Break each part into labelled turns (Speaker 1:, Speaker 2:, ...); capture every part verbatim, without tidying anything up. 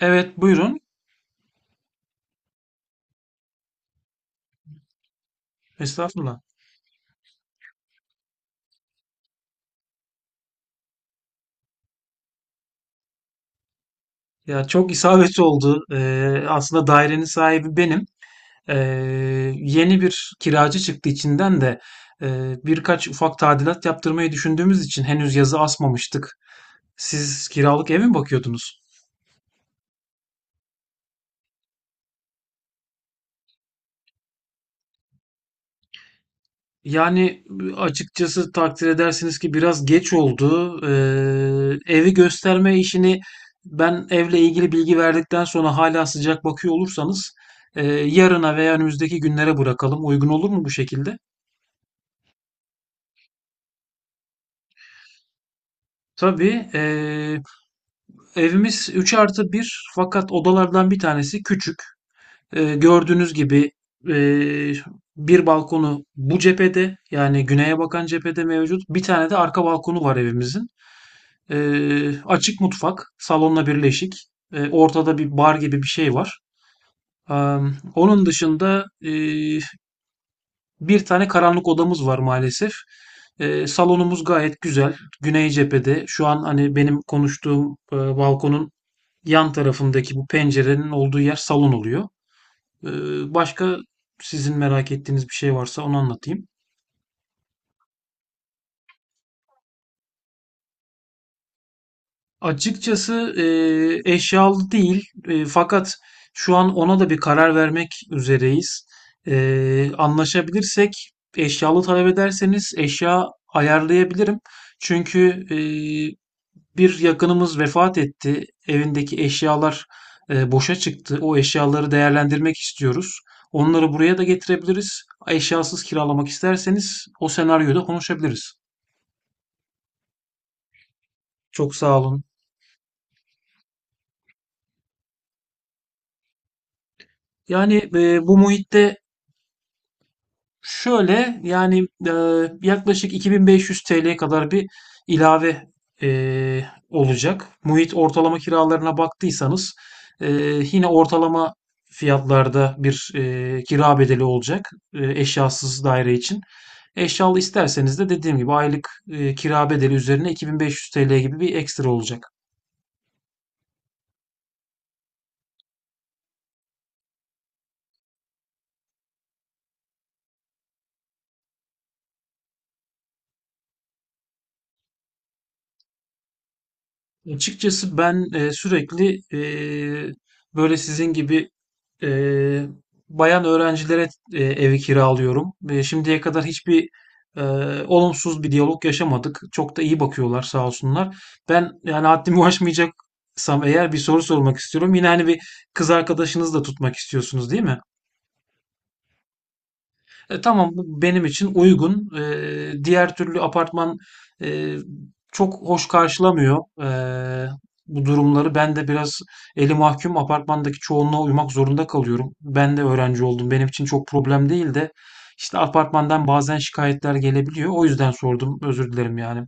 Speaker 1: Evet, buyurun. Estağfurullah. Ya çok isabet oldu. Ee, aslında dairenin sahibi benim. Ee, Yeni bir kiracı çıktı içinden de ee, birkaç ufak tadilat yaptırmayı düşündüğümüz için henüz yazı asmamıştık. Siz kiralık eve mi bakıyordunuz? Yani açıkçası takdir edersiniz ki biraz geç oldu. Ee, evi gösterme işini ben evle ilgili bilgi verdikten sonra hala sıcak bakıyor olursanız e, yarına veya önümüzdeki günlere bırakalım. Uygun olur mu bu şekilde? Tabii. E, evimiz üç artı bir, fakat odalardan bir tanesi küçük. E, gördüğünüz gibi e, bir balkonu bu cephede, yani güneye bakan cephede mevcut. Bir tane de arka balkonu var evimizin. Ee, açık mutfak, salonla birleşik. Ee, ortada bir bar gibi bir şey var. Ee, Onun dışında e, bir tane karanlık odamız var maalesef. Ee, salonumuz gayet güzel, güney cephede. Şu an hani benim konuştuğum e, balkonun yan tarafındaki bu pencerenin olduğu yer salon oluyor. Ee, başka sizin merak ettiğiniz bir şey varsa onu anlatayım. Açıkçası eee, eşyalı değil, Eee, fakat şu an ona da bir karar vermek üzereyiz. Eee, anlaşabilirsek eşyalı talep ederseniz eşya ayarlayabilirim. Çünkü eee, bir yakınımız vefat etti. Evindeki eşyalar eee, boşa çıktı. O eşyaları değerlendirmek istiyoruz. Onları buraya da getirebiliriz. Eşyasız kiralamak isterseniz o senaryoda konuşabiliriz. Çok sağ olun. Yani e, bu muhitte, şöyle yani, e, yaklaşık iki bin beş yüz T L'ye kadar bir ilave e, olacak. Muhit ortalama kiralarına baktıysanız e, yine ortalama fiyatlarda bir e, kira bedeli olacak e, eşyasız daire için. Eşyalı isterseniz de dediğim gibi aylık e, kira bedeli üzerine iki bin beş yüz T L gibi bir ekstra olacak. Açıkçası ben e, sürekli e, böyle sizin gibi e, bayan öğrencilere e, evi kiralıyorum. Ve şimdiye kadar hiçbir e, olumsuz bir diyalog yaşamadık. Çok da iyi bakıyorlar sağ olsunlar. Ben, yani haddimi aşmayacaksam eğer, bir soru sormak istiyorum. Yine hani bir kız arkadaşınız da tutmak istiyorsunuz, değil mi? E, tamam, bu benim için uygun. E, diğer türlü apartman e, çok hoş karşılamıyor e, bu durumları. Ben de biraz eli mahkum, apartmandaki çoğunluğa uymak zorunda kalıyorum. Ben de öğrenci oldum, benim için çok problem değil de işte apartmandan bazen şikayetler gelebiliyor. O yüzden sordum. Özür dilerim yani.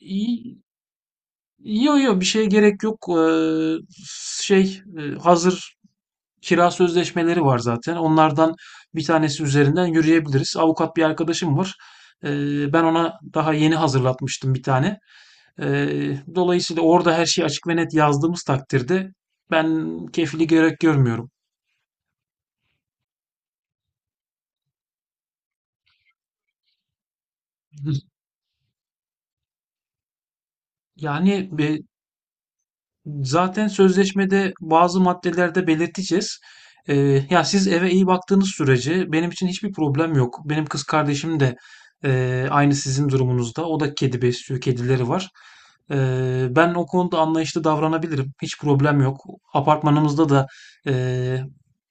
Speaker 1: İyi, yo yok, bir şeye gerek yok. E, şey e, hazır kira sözleşmeleri var zaten. Onlardan bir tanesi üzerinden yürüyebiliriz. Avukat bir arkadaşım var. Eee, ben ona daha yeni hazırlatmıştım bir tane. Eee, dolayısıyla orada her şeyi açık ve net yazdığımız takdirde ben kefili gerek görmüyorum. Yani e, zaten sözleşmede bazı maddelerde belirteceğiz. Ee, Ya siz eve iyi baktığınız sürece benim için hiçbir problem yok. Benim kız kardeşim de e, aynı sizin durumunuzda. O da kedi besliyor, kedileri var. Ee, ben o konuda anlayışlı davranabilirim, hiç problem yok. Apartmanımızda da e,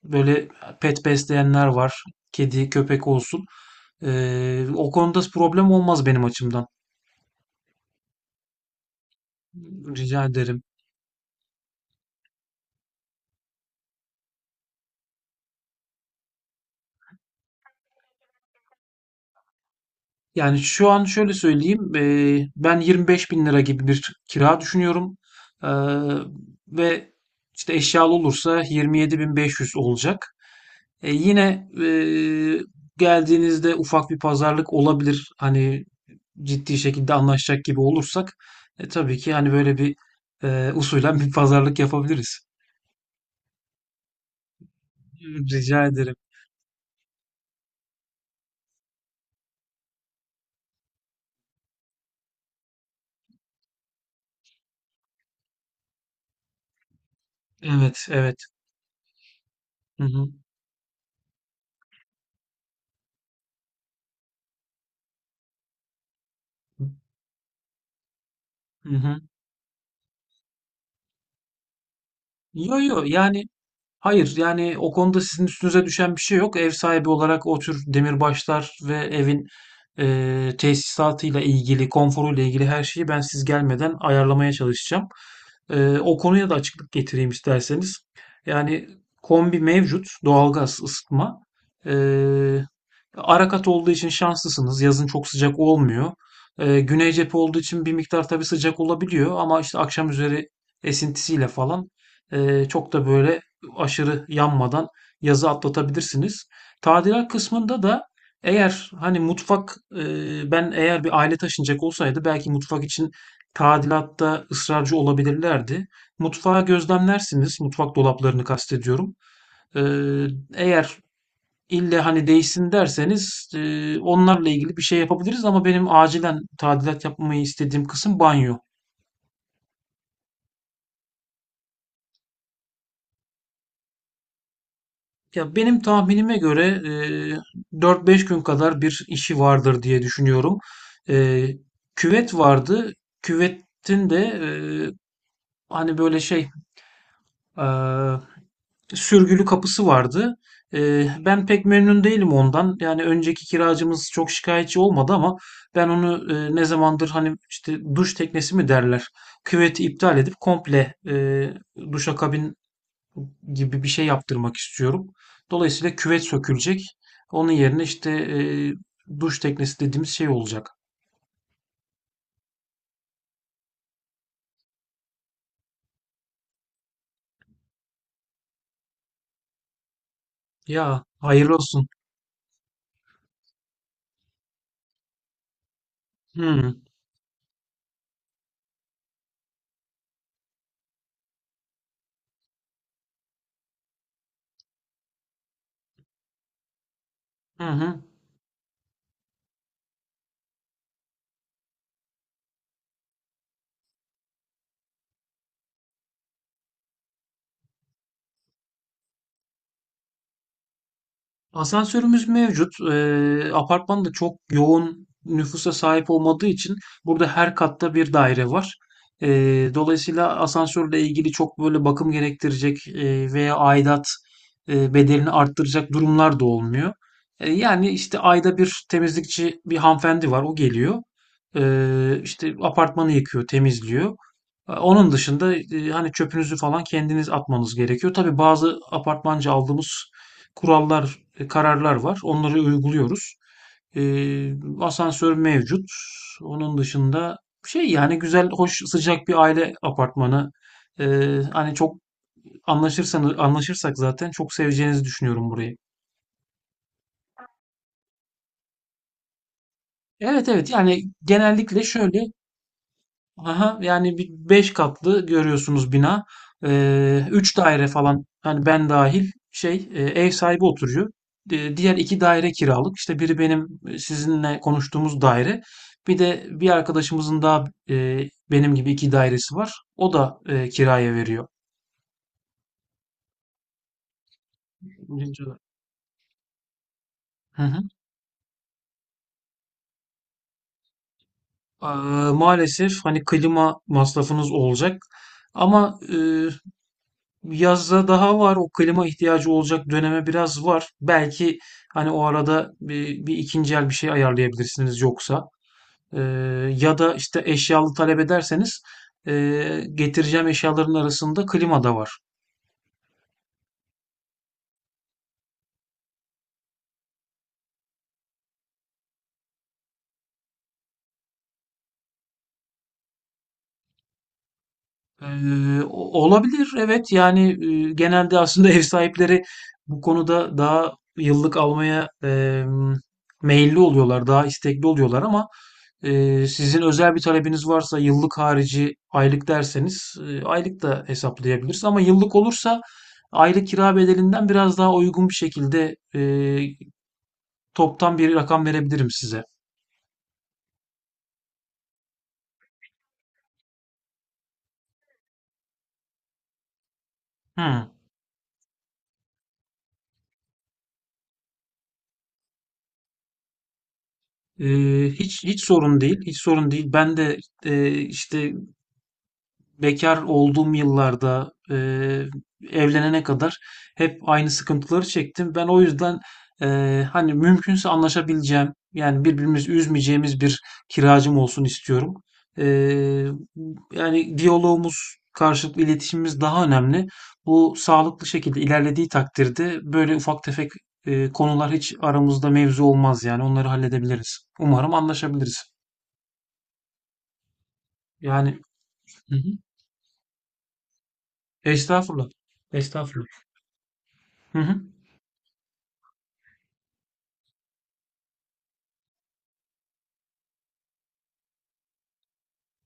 Speaker 1: böyle pet besleyenler var, kedi, köpek olsun. Ee, o konuda problem olmaz benim açımdan. Rica ederim. Yani şu an şöyle söyleyeyim, eee, ben yirmi beş bin lira gibi bir kira düşünüyorum. Eee, Ve işte eşyalı olursa yirmi yedi bin beş yüz olacak. E, yine eee, geldiğinizde ufak bir pazarlık olabilir. Hani ciddi şekilde anlaşacak gibi olursak e, tabii ki, hani böyle bir eee usulen bir pazarlık yapabiliriz. Rica ederim. Evet, evet. Hı hı. Hı hı. Yo yo, yani hayır, yani o konuda sizin üstünüze düşen bir şey yok. Ev sahibi olarak o tür demirbaşlar ve evin eee tesisatıyla ilgili, konforuyla ilgili her şeyi ben siz gelmeden ayarlamaya çalışacağım. Eee, o konuya da açıklık getireyim isterseniz. Yani kombi mevcut, doğalgaz, ısıtma. Eee Arakat olduğu için şanslısınız, yazın çok sıcak olmuyor. Ee, güney cephe olduğu için bir miktar tabii sıcak olabiliyor ama işte akşam üzeri esintisiyle falan e, çok da böyle aşırı yanmadan yazı atlatabilirsiniz. Tadilat kısmında da, eğer hani mutfak, e, ben eğer bir aile taşınacak olsaydı belki mutfak için tadilatta ısrarcı olabilirlerdi. Mutfağı gözlemlersiniz, mutfak dolaplarını kastediyorum. Ee, Eğer İlle hani değişsin derseniz, eee, onlarla ilgili bir şey yapabiliriz, ama benim acilen tadilat yapmayı istediğim kısım banyo. Ya benim tahminime göre eee dört beş gün kadar bir işi vardır diye düşünüyorum. Eee, Küvet vardı. Küvetin de eee, hani böyle şey eee sürgülü kapısı vardı. Ee, ben pek memnun değilim ondan. Yani önceki kiracımız çok şikayetçi olmadı ama ben onu e, ne zamandır hani, işte duş teknesi mi derler, küveti iptal edip komple e, duşakabin gibi bir şey yaptırmak istiyorum. Dolayısıyla küvet sökülecek, onun yerine işte e, duş teknesi dediğimiz şey olacak. Ya hayırlı olsun. Hı, hı hı. Asansörümüz mevcut. Eee, apartman da çok yoğun nüfusa sahip olmadığı için burada her katta bir daire var. Eee, dolayısıyla asansörle ilgili çok böyle bakım gerektirecek eee, veya aidat eee, bedelini arttıracak durumlar da olmuyor. Eee, yani işte ayda bir temizlikçi bir hanımefendi var, o geliyor. Eee işte apartmanı yıkıyor, temizliyor. E, Onun dışında e, hani çöpünüzü falan kendiniz atmanız gerekiyor. Tabii bazı apartmanca aldığımız kurallar, e, kararlar var, onları uyguluyoruz. E, Asansör mevcut. Onun dışında, şey yani, güzel, hoş, sıcak bir aile apartmanı. E, Hani çok anlaşırsanız anlaşırsak zaten çok seveceğinizi düşünüyorum burayı. Evet, evet, yani genellikle şöyle. Aha, yani bir beş katlı görüyorsunuz bina. Ee, üç daire falan, hani ben dahil, şey e, ev sahibi oturuyor. Di- diğer iki daire kiralık. İşte biri benim e, sizinle konuştuğumuz daire. Bir de bir arkadaşımızın daha e, benim gibi iki dairesi var, o da e, kiraya veriyor. Birinci olarak. Hı hı. Ee, Maalesef hani klima masrafınız olacak. Ama e, yazda daha var, o klima ihtiyacı olacak döneme biraz var. Belki hani o arada bir, bir ikinci el bir şey ayarlayabilirsiniz, yoksa. Ee, Ya da işte eşyalı talep ederseniz ee, getireceğim eşyaların arasında klima da var. Eee, o- olabilir evet, yani e, genelde aslında ev sahipleri bu konuda daha yıllık almaya eee, meyilli oluyorlar, daha istekli oluyorlar, ama eee, sizin özel bir talebiniz varsa, yıllık harici aylık derseniz, e, aylık da hesaplayabiliriz, ama yıllık olursa aylık kira bedelinden biraz daha uygun bir şekilde eee, toptan bir rakam verebilirim size. Hmm. Ee, hiç hiç sorun değil, hiç sorun değil. Ben de e, işte bekar olduğum yıllarda, eee, evlenene kadar, hep aynı sıkıntıları çektim. Ben o yüzden eee, hani, mümkünse anlaşabileceğim, yani birbirimizi üzmeyeceğimiz bir kiracım olsun istiyorum. Eee, Yani diyalogumuz, karşılıklı iletişimimiz daha önemli. Bu sağlıklı şekilde ilerlediği takdirde böyle ufak tefek eee, konular hiç aramızda mevzu olmaz, yani onları halledebiliriz. Umarım anlaşabiliriz. Yani hı hı. Estağfurullah. Estağfurullah. Hı hı.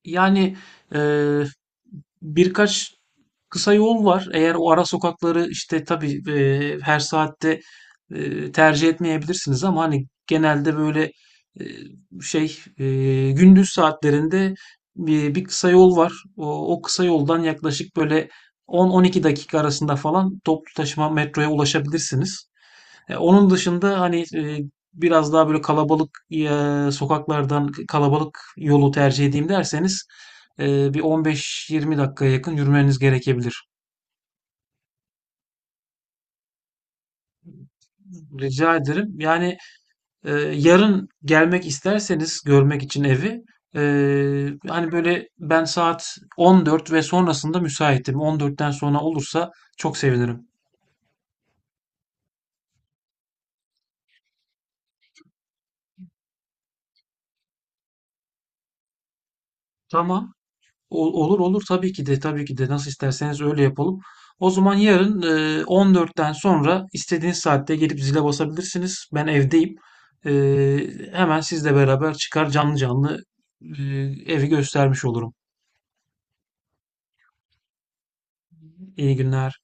Speaker 1: Yani eee, birkaç kısa yol var. Eğer o ara sokakları, işte tabii eee, her saatte eee, tercih etmeyebilirsiniz, ama hani genelde böyle eee, şey eee, gündüz saatlerinde bir, bir kısa yol var. O, o kısa yoldan yaklaşık böyle on on iki dakika arasında falan toplu taşıma metroya ulaşabilirsiniz. E, onun dışında, hani e, biraz daha böyle kalabalık e, sokaklardan, kalabalık yolu tercih edeyim derseniz, e, bir on beş yirmi dakikaya yakın yürümeniz gerekebilir. Rica ederim. Yani e, yarın gelmek isterseniz görmek için evi, e, hani böyle, ben saat on dört ve sonrasında müsaitim. on dörtten sonra olursa çok sevinirim. Tamam. Ol- Olur olur, tabii ki de, tabii ki de, nasıl isterseniz öyle yapalım. O zaman yarın e, on dörtten sonra istediğiniz saatte gelip zile basabilirsiniz, ben evdeyim. E, Hemen sizle beraber çıkar, canlı canlı e, evi göstermiş olurum. İyi günler.